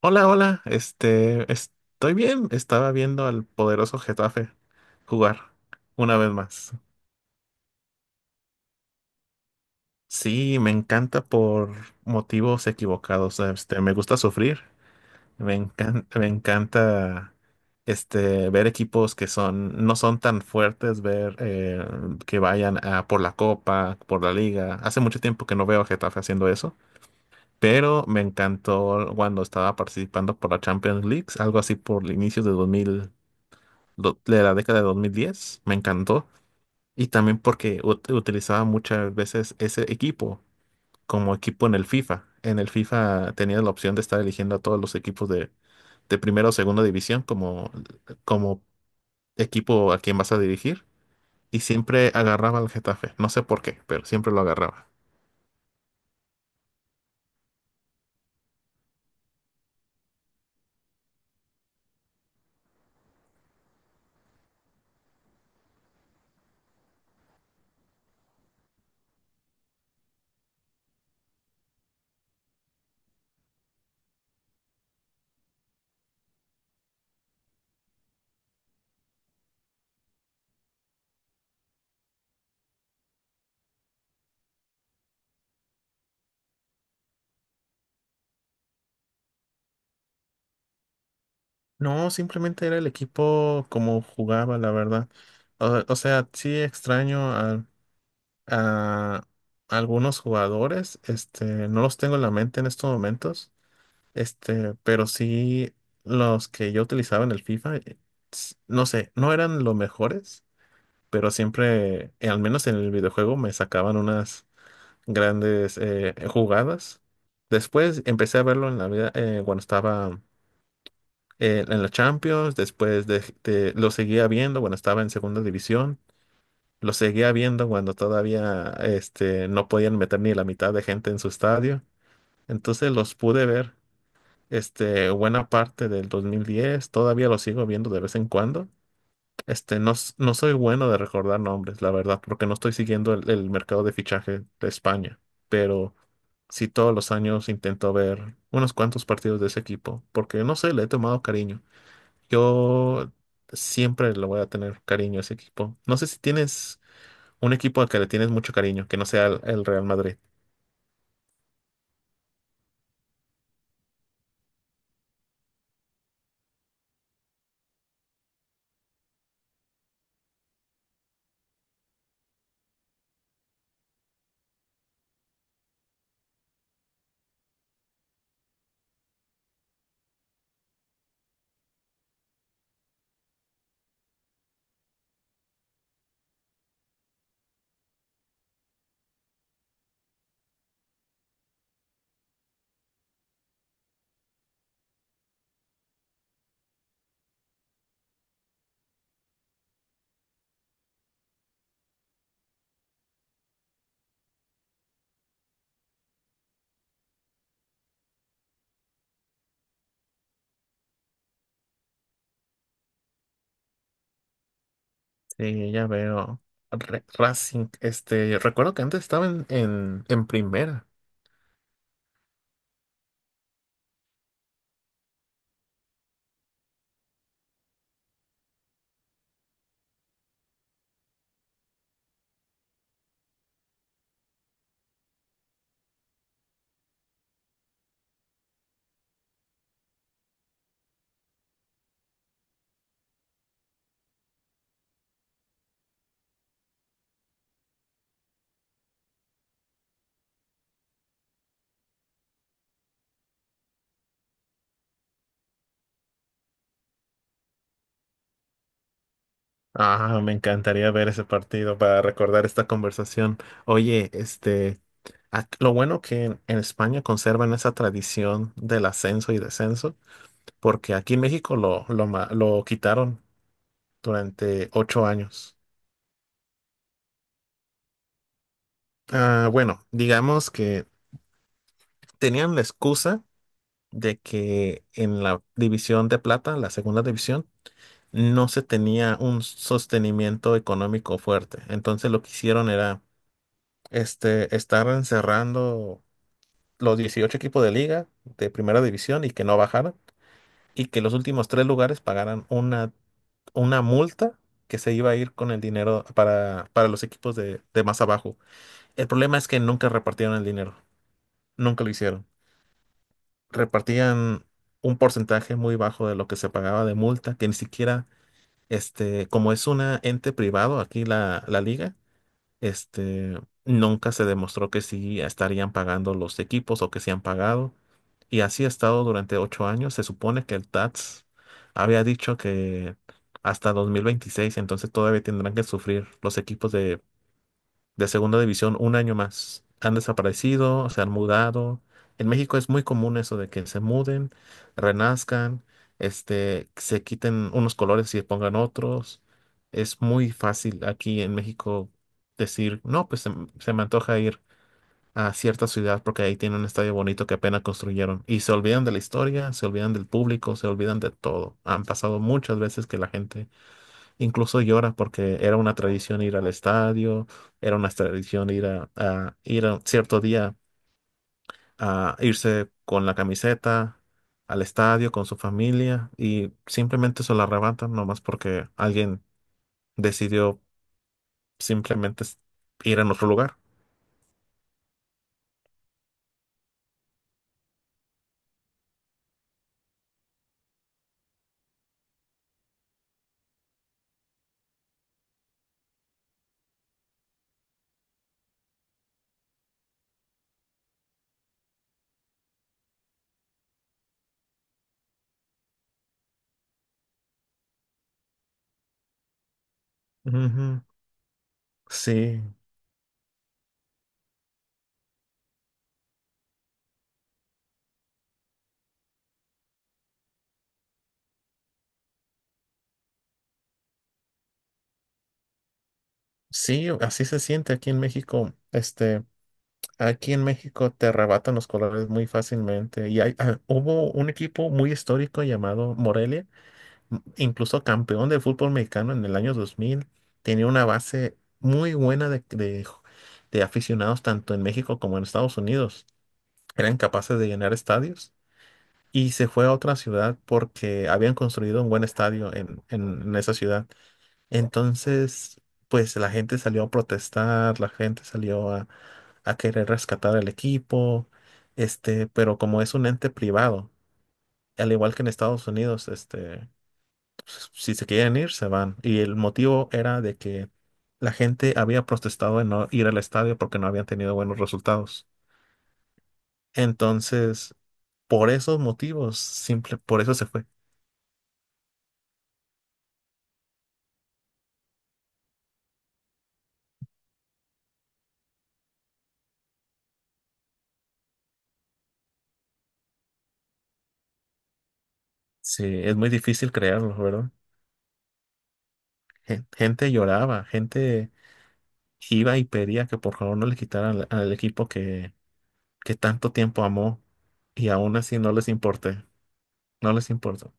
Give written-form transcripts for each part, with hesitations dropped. Hola. Estoy bien. Estaba viendo al poderoso Getafe jugar una vez más. Sí, me encanta por motivos equivocados. Me gusta sufrir. Me encanta ver equipos que son, no son tan fuertes, ver que vayan a por la copa, por la liga. Hace mucho tiempo que no veo a Getafe haciendo eso, pero me encantó cuando estaba participando por la Champions League, algo así por el inicio de 2000. De la década de 2010, me encantó. Y también porque utilizaba muchas veces ese equipo como equipo en el FIFA. En el FIFA tenía la opción de estar eligiendo a todos los equipos de primera o segunda división como equipo a quien vas a dirigir. Y siempre agarraba al Getafe. No sé por qué, pero siempre lo agarraba. No, simplemente era el equipo como jugaba, la verdad. O sea, sí extraño a algunos jugadores. No los tengo en la mente en estos momentos. Pero sí los que yo utilizaba en el FIFA, no sé, no eran los mejores, pero siempre, al menos en el videojuego, me sacaban unas grandes jugadas. Después empecé a verlo en la vida cuando estaba en la Champions, lo seguía viendo cuando estaba en segunda división. Lo seguía viendo cuando todavía no podían meter ni la mitad de gente en su estadio. Entonces los pude ver buena parte del 2010. Todavía los sigo viendo de vez en cuando. No soy bueno de recordar nombres, la verdad, porque no estoy siguiendo el mercado de fichaje de España. Pero sí todos los años intento ver unos cuantos partidos de ese equipo, porque no sé, le he tomado cariño. Yo siempre le voy a tener cariño a ese equipo. No sé si tienes un equipo al que le tienes mucho cariño, que no sea el Real Madrid. Sí, ya veo. Racing, recuerdo que antes estaba en primera. Ah, me encantaría ver ese partido para recordar esta conversación. Oye, lo bueno que en España conservan esa tradición del ascenso y descenso, porque aquí en México lo quitaron durante 8 años. Ah, bueno, digamos que tenían la excusa de que en la división de plata, la segunda división, no se tenía un sostenimiento económico fuerte. Entonces lo que hicieron era estar encerrando los 18 equipos de liga de primera división y que no bajaran y que los últimos tres lugares pagaran una multa que se iba a ir con el dinero para los equipos de más abajo. El problema es que nunca repartieron el dinero, nunca lo hicieron. Repartían un porcentaje muy bajo de lo que se pagaba de multa, que ni siquiera, como es una ente privado aquí la liga, este, nunca se demostró que sí estarían pagando los equipos o que sí han pagado. Y así ha estado durante 8 años. Se supone que el TATS había dicho que hasta 2026, entonces todavía tendrán que sufrir los equipos de segunda división un año más. Han desaparecido, se han mudado. En México es muy común eso de que se muden, renazcan, se quiten unos colores y se pongan otros. Es muy fácil aquí en México decir, no, se me antoja ir a cierta ciudad porque ahí tiene un estadio bonito que apenas construyeron. Y se olvidan de la historia, se olvidan del público, se olvidan de todo. Han pasado muchas veces que la gente incluso llora porque era una tradición ir al estadio, era una tradición ir a cierto día a irse con la camiseta al estadio con su familia y simplemente se la arrebatan nomás porque alguien decidió simplemente s- ir a otro lugar. Ujú. Sí, sí, así se siente aquí en México. Aquí en México te arrebatan los colores muy fácilmente. Y hay, ah, hubo un equipo muy histórico llamado Morelia, incluso campeón de fútbol mexicano en el año 2000, tenía una base muy buena de aficionados tanto en México como en Estados Unidos. Eran capaces de llenar estadios y se fue a otra ciudad porque habían construido un buen estadio en esa ciudad. Entonces, pues la gente salió a protestar, la gente salió a querer rescatar el equipo, pero como es un ente privado, al igual que en Estados Unidos, pues, si se quieren ir, se van. Y el motivo era de que la gente había protestado de no ir al estadio porque no habían tenido buenos resultados. Entonces, por esos motivos, simple, por eso se fue. Sí, es muy difícil creerlo, ¿verdad? Gente lloraba, gente iba y pedía que por favor no le quitaran al equipo que tanto tiempo amó y aún así no les importó.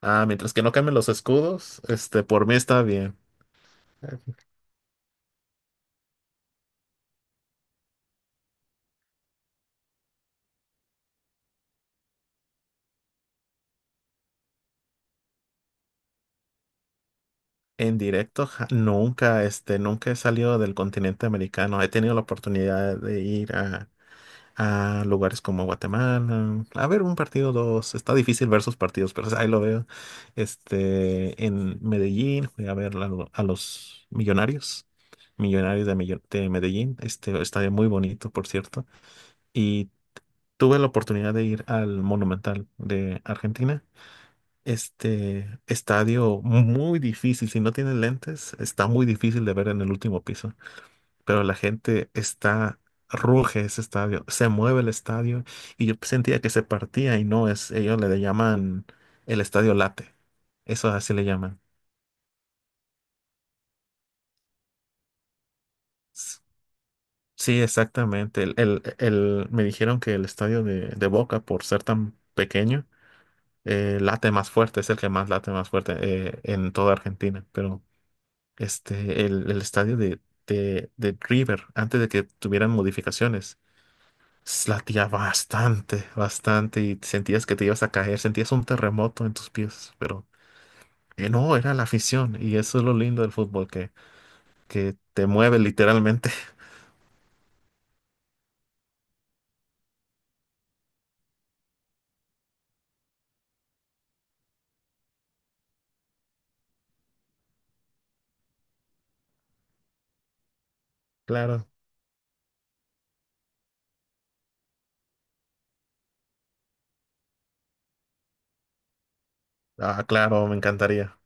Ah, mientras que no cambien los escudos, por mí está bien. En directo, nunca, nunca he salido del continente americano. He tenido la oportunidad de ir a lugares como Guatemala, a ver un partido, dos. Está difícil ver sus partidos, pero ahí lo veo. En Medellín, fui a ver a los Millonarios, de Medellín. Estadio muy bonito, por cierto. Y tuve la oportunidad de ir al Monumental de Argentina, este estadio muy difícil. Si no tienes lentes, está muy difícil de ver en el último piso. Pero la gente está, ruge ese estadio, se mueve el estadio y yo sentía que se partía y no es, ellos le llaman el estadio late. Eso así le llaman. S- Sí, exactamente. Me dijeron que el estadio de Boca, por ser tan pequeño, late más fuerte, es el que más late más fuerte en toda Argentina. Pero el estadio de River antes de que tuvieran modificaciones. Latía bastante, bastante y sentías que te ibas a caer, sentías un terremoto en tus pies, pero no, era la afición y eso es lo lindo del fútbol, que te mueve literalmente. Claro, ah, claro, me encantaría.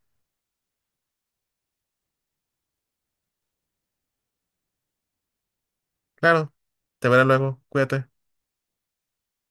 Claro, te veré luego, cuídate.